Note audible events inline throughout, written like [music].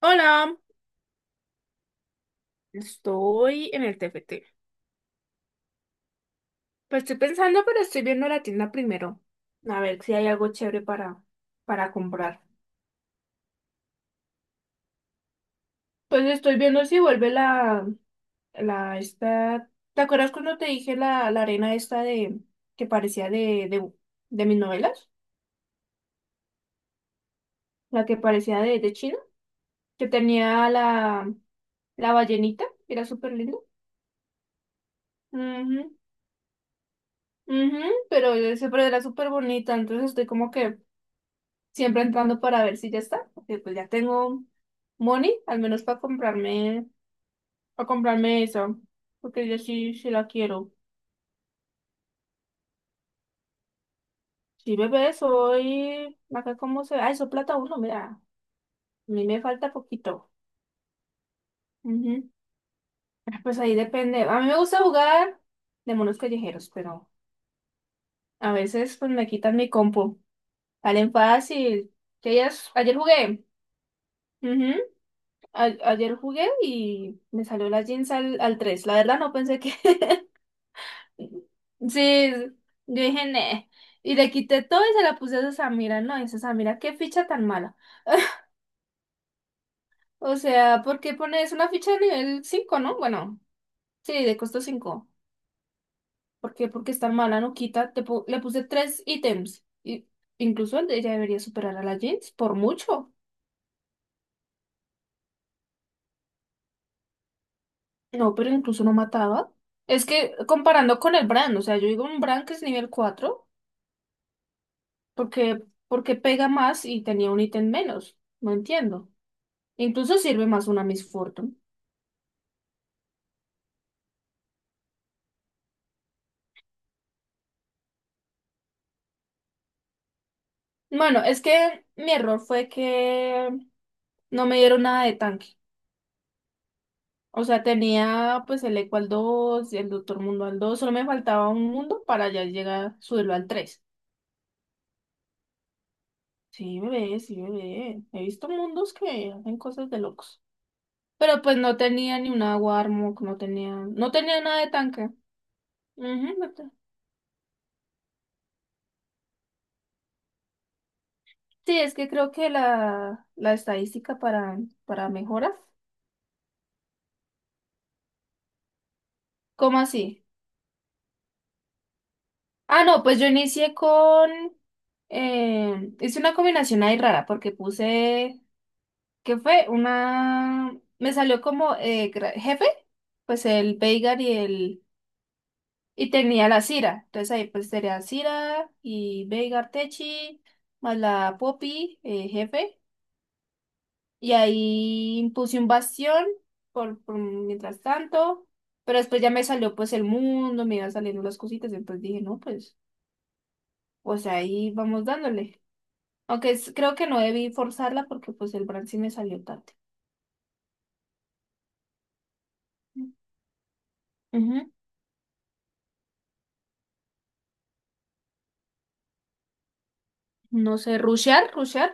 Hola, estoy en el TFT. Pues estoy pensando, pero estoy viendo la tienda primero. A ver si hay algo chévere para comprar. Pues estoy viendo si vuelve esta. ¿Te acuerdas cuando te dije la arena esta de, que parecía de mis novelas? La que parecía de China, que tenía la ballenita, que era súper linda. Ujú, ujú, pero, pero era súper bonita, entonces estoy como que siempre entrando para ver si ya está, porque pues ya tengo money, al menos para comprarme eso, porque yo sí, sí la quiero. Sí, bebé, soy, acá cómo se ve, ay, soy plata uno, mira, a mí me falta poquito. Ujú. Ah, pues ahí depende, a mí me gusta jugar de monos callejeros, pero a veces pues me quitan mi compo, salen fácil, que ayer jugué, ujú, ayer jugué y me salió la jeans al tres, la verdad no pensé que. [laughs] Sí, yo dije, "Nee". Y le quité todo y se la puse a Samira, ¿no? Y dice, Samira, qué ficha tan mala. O sea, ¿por qué pones una ficha de nivel cinco, no? Bueno, sí, de costo cinco. ¿Por qué? Porque es tan mala, no quita. Le puse tres ítems. Y incluso el de ella debería superar a la Jinx, por mucho. No, pero incluso no mataba. Es que comparando con el Bran, o sea, yo digo un Bran que es nivel 4 porque, porque pega más y tenía un ítem menos. No entiendo. Incluso sirve más una Miss Fortune. Bueno, es que mi error fue que no me dieron nada de tanque. O sea, tenía pues el Eco al dos, el Doctor Mundo al dos, solo me faltaba un mundo para ya llegar, subirlo al tres. Sí, bebé, sí, bebé. He visto mundos que hacen cosas de locos. Pero pues no tenía ni una Warmog, no tenía nada de tanque. Ujú, no te- sí, es que creo que la estadística para mejoras. ¿Cómo así? Ah, no, pues yo inicié con, hice una combinación ahí rara porque puse. ¿Qué fue? Una. Me salió como jefe, pues el Veigar y el. Y tenía la Cira. Entonces ahí pues sería Cira y Veigar Techi, más la Poppy, jefe. Y ahí puse un bastión por mientras tanto. Pero después ya me salió pues el mundo, me iban saliendo las cositas. Entonces dije, no, pues ahí vamos dándole. Aunque creo que no debí forzarla porque pues el brand sí me salió tarde. Ujú. No sé, rushear, rushear.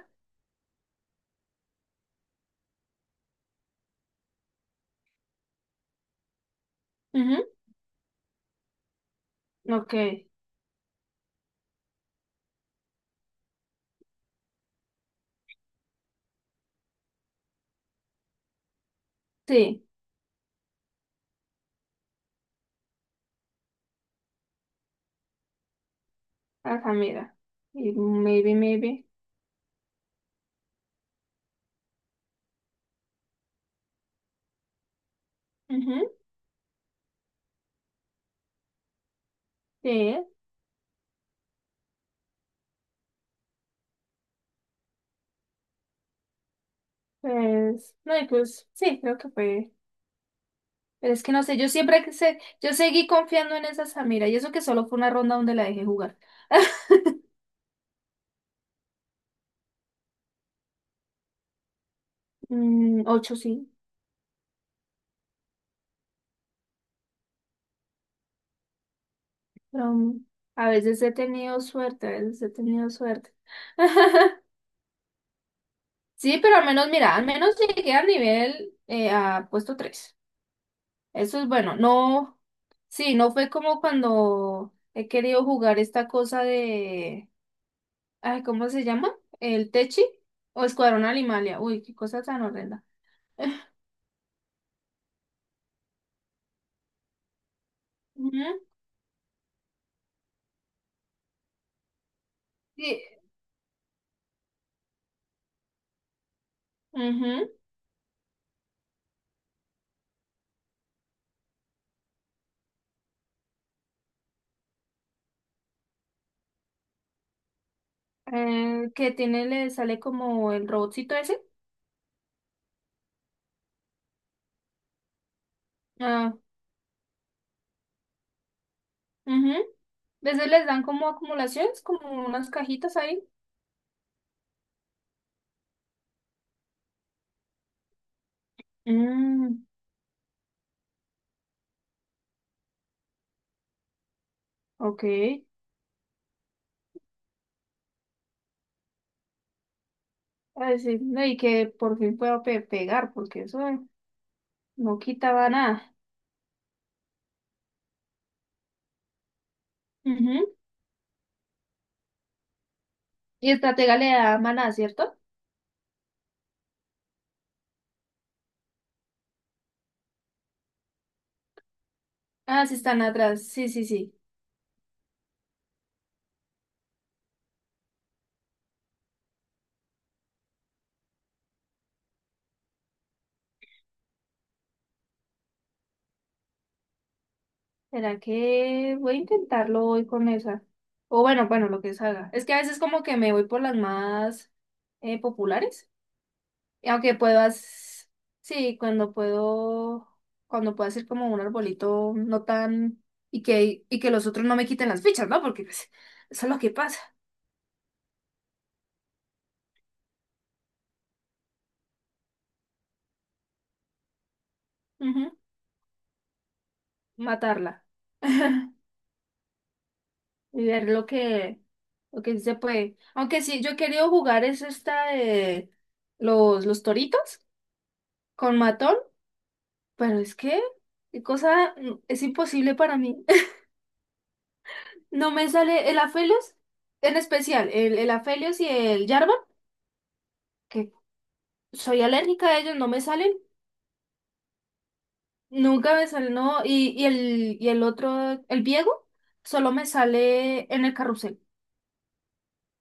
Ujú. Ok, sí, acá mira. Y maybe, maybe. Ujú. Sí, pues, no, y pues, sí, creo que fue. Pero es que no sé, yo siempre que sé, yo seguí confiando en esa Samira y eso que solo fue una ronda donde la dejé jugar. [laughs] Mm, ocho sí, pero a veces he tenido suerte, a veces he tenido suerte. [laughs] Sí, pero al menos, mira, al menos llegué al nivel, a puesto tres. Eso es bueno. No, sí, no fue como cuando he querido jugar esta cosa de, ay, ¿cómo se llama? El Techi o Escuadrón Animalia. Uy, qué cosa tan horrenda. [laughs] Ujú, sí, ujú. Que tiene, le sale como el robotcito ese. Ah, ujú. Veces les dan como acumulaciones, como unas cajitas ahí. Mm, ok. Ay, sí, no, y que por fin pueda pegar, porque eso no quitaba nada. Ujú. Y estratega le da maná, ¿cierto? Ah, sí, están atrás. Sí, sí, sí. ¿Será que voy a intentarlo hoy con esa? O bueno, bueno, lo que salga. Es que a veces como que me voy por las más populares. Y aunque puedas, sí, cuando puedo hacer como un arbolito no tan. Y que los otros no me quiten las fichas, ¿no? Porque pues, eso es lo que pasa. Matarla [laughs] y ver lo que sí se puede. Aunque sí, yo he querido jugar es esta de los toritos con matón, pero es que qué cosa es imposible para mí. [laughs] No me sale el Aphelios, en especial el Aphelios y el Jarvan, que soy alérgica a ellos, no me salen, nunca me salen, no, y el otro, el Viego, solo me sale en el carrusel.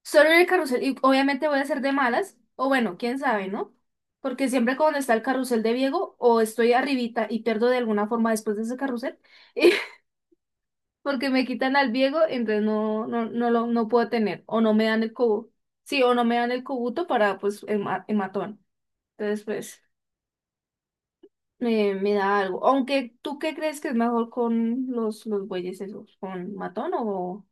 Solo en el carrusel, y obviamente voy a ser de malas, o bueno, quién sabe, ¿no? Porque siempre cuando está el carrusel de Diego, o estoy arribita y pierdo de alguna forma después de ese carrusel, [laughs] y porque me quitan al Diego, entonces no, no, no lo no puedo tener, o no me dan el cubo, sí, o no me dan el cubuto para pues el matón. Entonces, pues, me da algo. Aunque, ¿tú qué crees que es mejor con los bueyes esos? ¿Con matón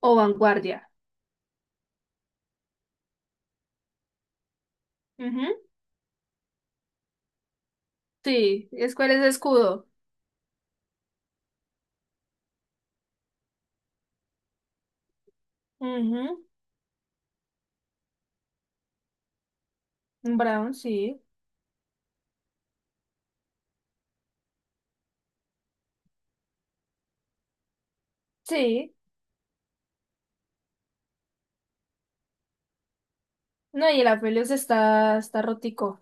o vanguardia? Ujú, sí, es cuál es escudo. Ujú. Brown, sí. Sí. No, y el Afelios está rotico.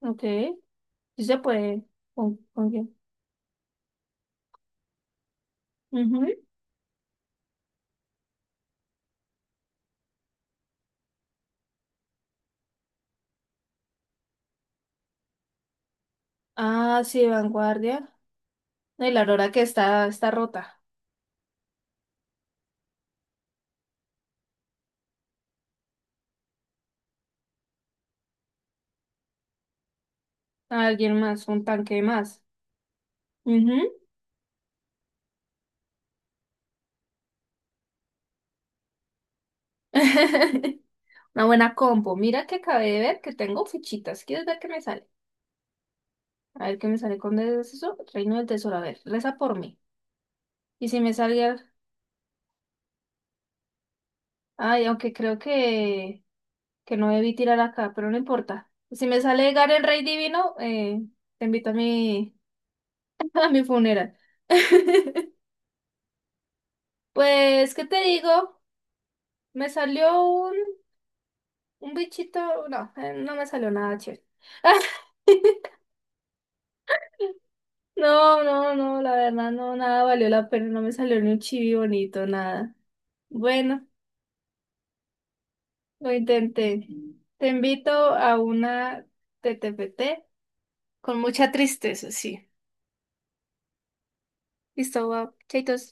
Ok. Sí se puede. Con quién? Ujú. Ah, sí, vanguardia. No, y la Aurora que está rota. Alguien más, un tanque más. Ujú. [laughs] Una buena compo. Mira que acabé de ver que tengo fichitas. ¿Quieres ver qué me sale? A ver qué me sale con eso. Reino del Tesoro. A ver, reza por mí. Y si me salga. Ay, aunque creo que no debí tirar acá, pero no importa. Si me sale Garen Rey Divino, te invito a mi, [laughs] a mi funeral. [laughs] Pues, ¿qué te digo? Me salió un bichito, no, no me salió nada chévere. [laughs] No, no, no, la verdad no, nada valió la pena, no me salió ni un chibi bonito, nada. Bueno, lo intenté. Te invito a una TTPT con mucha tristeza, sí. Listo, va, chaitos.